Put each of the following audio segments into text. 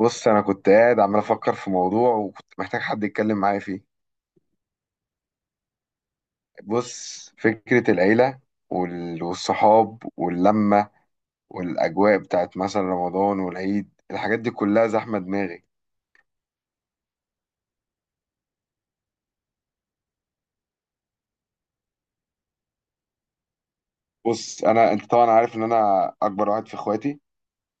بص، انا كنت قاعد عمال افكر في موضوع، وكنت محتاج حد يتكلم معايا فيه. بص، فكرة العيلة والصحاب واللمة، والاجواء بتاعت مثلا رمضان والعيد، الحاجات دي كلها زحمة دماغي. بص، انا انت طبعا عارف ان انا اكبر واحد في اخواتي،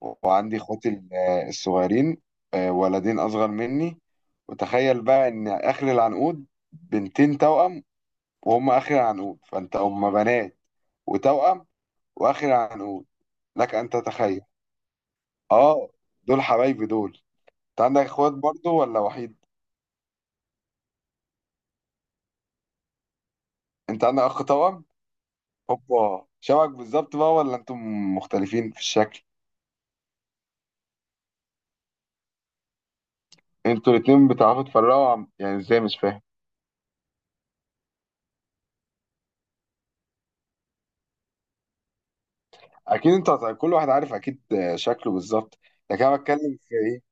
وعندي اخواتي الصغيرين. ولدين اصغر مني. وتخيل بقى ان اخر العنقود بنتين توأم، وهم اخر العنقود، فانت هم بنات وتوأم واخر العنقود. لك ان تتخيل. اه، دول حبايبي دول. انت عندك اخوات برضو ولا وحيد؟ انت عندك اخ توأم؟ هوبا، شبك بالظبط بقى ولا انتم مختلفين في الشكل؟ انتوا الاتنين بتعرفوا تفرقوا يعني ازاي، مش فاهم. اكيد انت كل واحد عارف اكيد شكله بالظبط. لكن انا بتكلم في ايه؟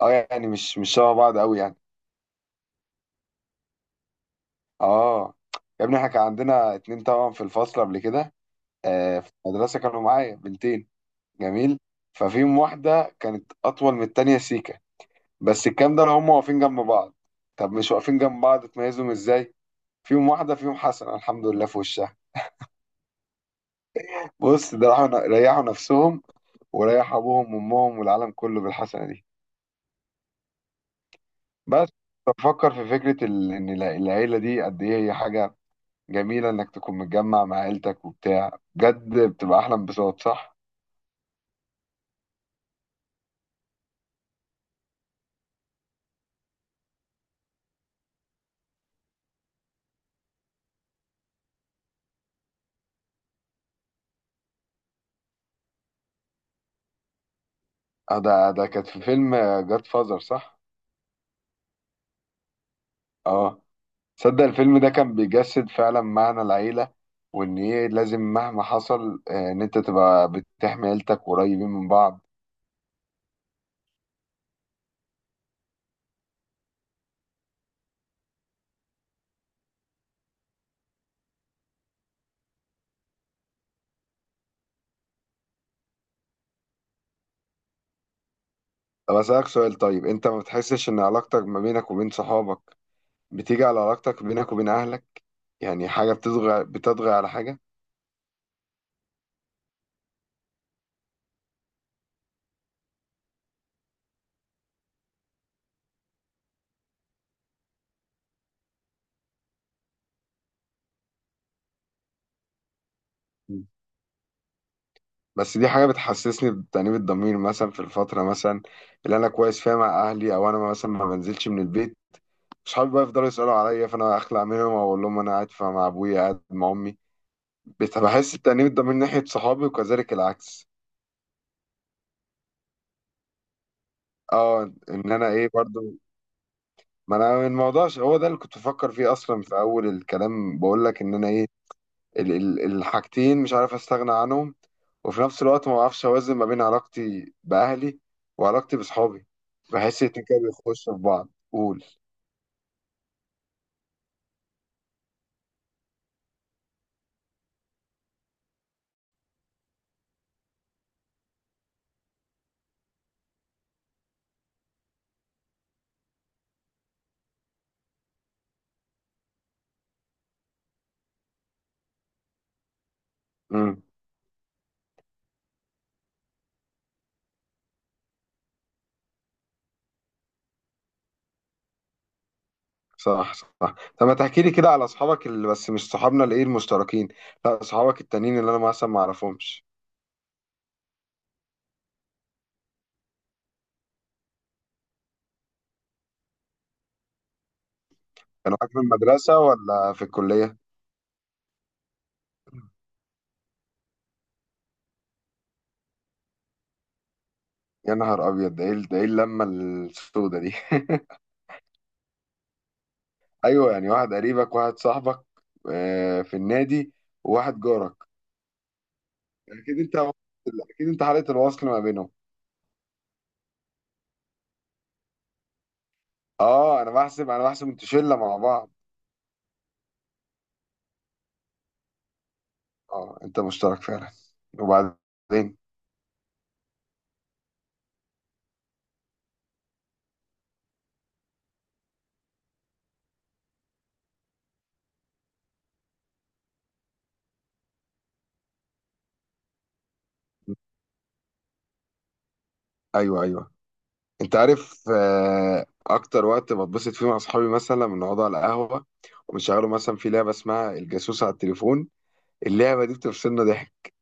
اه، يعني مش شبه بعض قوي يعني. اه، يا ابني احنا كان عندنا اتنين توأم في الفصل قبل كده. في المدرسة كانوا معايا بنتين. جميل. ففيهم واحدة كانت أطول من التانية، سيكا. بس الكلام ده لو هم واقفين جنب بعض. طب مش واقفين جنب بعض، تميزهم ازاي؟ فيهم واحده، فيهم حسن الحمد لله في وشها. بص، ده راحوا ريحوا نفسهم، وريحوا ابوهم وامهم والعالم كله بالحسنه دي. بس بفكر في فكره ان العيله دي قد ايه هي حاجه جميله، انك تكون متجمع مع عيلتك وبتاع، بجد بتبقى احلى انبساط، صح؟ ده كانت في فيلم جاد فازر، صح؟ اه، تصدق الفيلم ده كان بيجسد فعلا معنى العيلة، وإن إيه لازم مهما حصل إن أنت تبقى بتحمي عيلتك، قريبين من بعض. طب أسألك سؤال، طيب أنت ما بتحسش إن علاقتك ما بينك وبين صحابك بتيجي على علاقتك بينك وبين أهلك؟ يعني حاجة بتضغى على حاجة. مم. بس دي حاجة بتحسسني بتأنيب الضمير، مثلا في الفترة مثلا اللي أنا كويس فيها مع أهلي، أو أنا مثلا ما بنزلش من البيت. صحابي بقى يفضلوا يسألوا عليا، فأنا أخلع منهم وأقول لهم أنا قاعد مع أبويا، قاعد مع أمي. بحس التأنيب ده من ناحية صحابي، وكذلك العكس. اه، ان انا ايه برضو. ما انا الموضوع هو ده اللي كنت بفكر فيه اصلا، في اول الكلام بقول لك ان انا ايه. الحاجتين مش عارف استغنى عنهم. وفي نفس الوقت ما بعرفش اوازن ما بين علاقتي باهلي وعلاقتي بصحابي. بحس الاتنين كده بيخشوا في بعض. قول. امم. صح، صح. طب ما تحكي لي كده على اصحابك، اللي بس مش صحابنا، اللي ايه المشتركين. لا اصحابك التانيين اللي انا مثلا ما اعرفهمش. كانوا معاك في المدرسة ولا في الكلية؟ يا نهار ابيض، ده ايه اللمه السودة دي؟ ايوه، يعني واحد قريبك، واحد صاحبك في النادي، وواحد جارك. اكيد انت اكيد انت حاله الوصل ما بينهم؟ اه، انا بحسب انتوا شله مع بعض. اه، انت مشترك فعلا. وبعدين؟ ايوه، ايوه. انت عارف اكتر وقت بتبسط فيه مع اصحابي مثلا لما نقعد على القهوه، ونشغلوا مثلا في لعبه اسمها الجاسوس على التليفون. اللعبه دي بتفصلنا ضحك.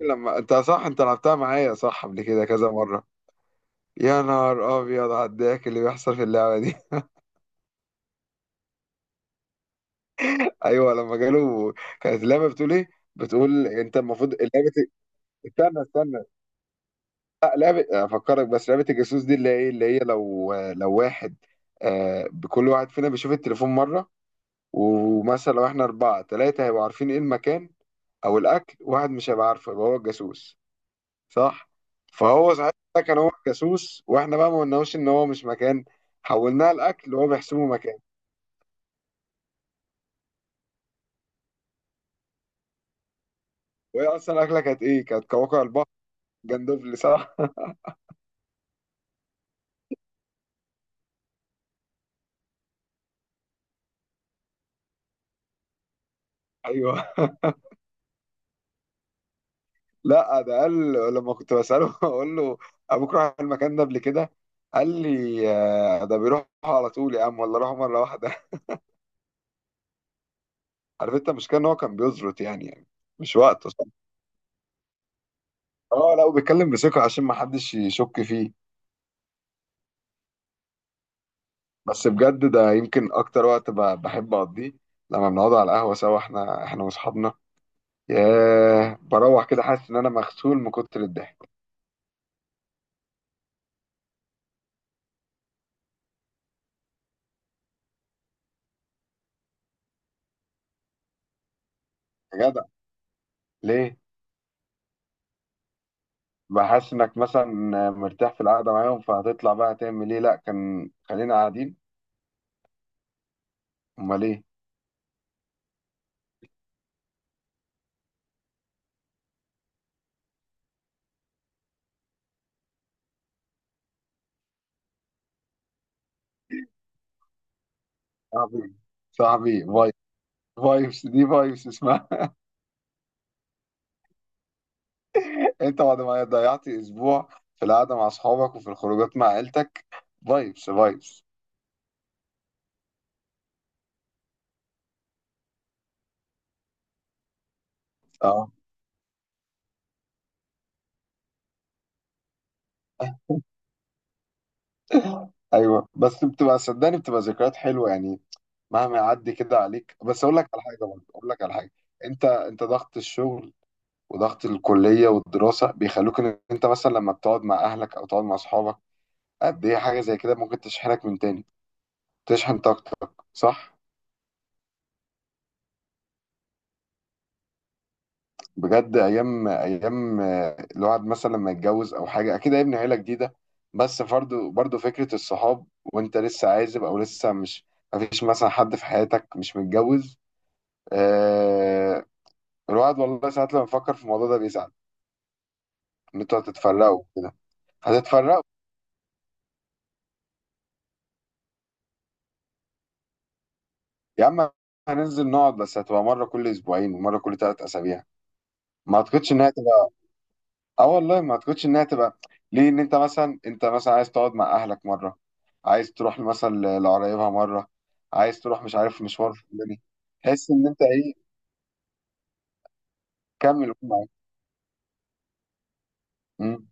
لما انت، صح، انت لعبتها معايا، صح، قبل كده كذا مره. يا نهار ابيض على الضحك اللي بيحصل في اللعبه دي. ايوه، لما جاله. كانت اللعبه بتقول ايه؟ بتقول انت المفروض لعبه. استنى، استنى. لا، لعبه افكرك بس، لعبه الجاسوس دي، اللي هي لو واحد، كل واحد فينا بيشوف التليفون مره، ومثلا لو احنا اربعه، ثلاثه هيبقوا عارفين ايه المكان او الاكل، واحد مش هيبقى عارفه، يبقى هو الجاسوس. صح. فهو صحيح ده كان هو الجاسوس، واحنا بقى ما قلناهوش ان هو مش مكان، حولناها الاكل وهو بيحسبه مكان. وهي اصلا الاكله كانت ايه؟ كانت كواكب. جندوفلي، صح. ايوه. لا، ده قال لما كنت بساله اقول له ابوك راح المكان ده قبل كده، قال لي ده بيروح على طول يا عم، ولا راح مره واحده. عارف انت المشكله، ان هو كان بيزرط يعني مش وقته، صح. اه، لا، وبيتكلم بثقه عشان ما حدش يشك فيه. بس بجد ده يمكن اكتر وقت بحب اقضيه، لما بنقعد على القهوه سوا، احنا واصحابنا. ياه، بروح كده حاسس ان انا مغسول من كتر الضحك. يا جدع، ليه؟ بحس انك مثلا مرتاح في القعده معاهم، فهتطلع بقى هتعمل ايه؟ لا كان خلينا قاعدين. امال ايه؟ صاحبي، صاحبي فايبس. فايبس دي، فايبس اسمها. انت بعد ما ضيعت اسبوع في القعده مع اصحابك وفي الخروجات مع عيلتك، فايبس فايبس. اه. ايوه، بس بتبقى، صدقني، بتبقى ذكريات حلوه يعني، مهما يعدي كده عليك. بس اقول لك على حاجه، برضه اقول لك على حاجه. انت ضغط الشغل وضغط الكليه والدراسه بيخلوك ان انت مثلا لما بتقعد مع اهلك او تقعد مع اصحابك، قد ايه حاجه زي كده ممكن تشحنك من تاني، تشحن طاقتك، صح. بجد ايام، ايام الواحد مثلا لما يتجوز او حاجه اكيد هيبني عيله جديده، بس برضه برضه فكره الصحاب وانت لسه عازب او لسه مش، مفيش مثلا حد في حياتك مش متجوز. آه. الواحد والله ساعات لما بيفكر في الموضوع ده بيزعل، ان انتوا هتتفرقوا كده. هتتفرقوا. يا عم، هننزل نقعد بس هتبقى مره كل اسبوعين ومره كل 3 اسابيع. ما اعتقدش انها. اه والله، ما تكونش انها تبقى. ليه، ان انت مثلا عايز تقعد مع اهلك مره، عايز تروح مثلا لقرايبها مره، عايز تروح مش عارف مشوار فلاني، تحس ان انت ايه. كمل قول معايا. مم.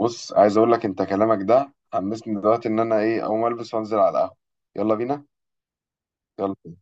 بص، عايز اقول لك انت كلامك ده حمسني دلوقتي ان انا ايه، اقوم البس وانزل على القهوه. يلا بينا. يلا.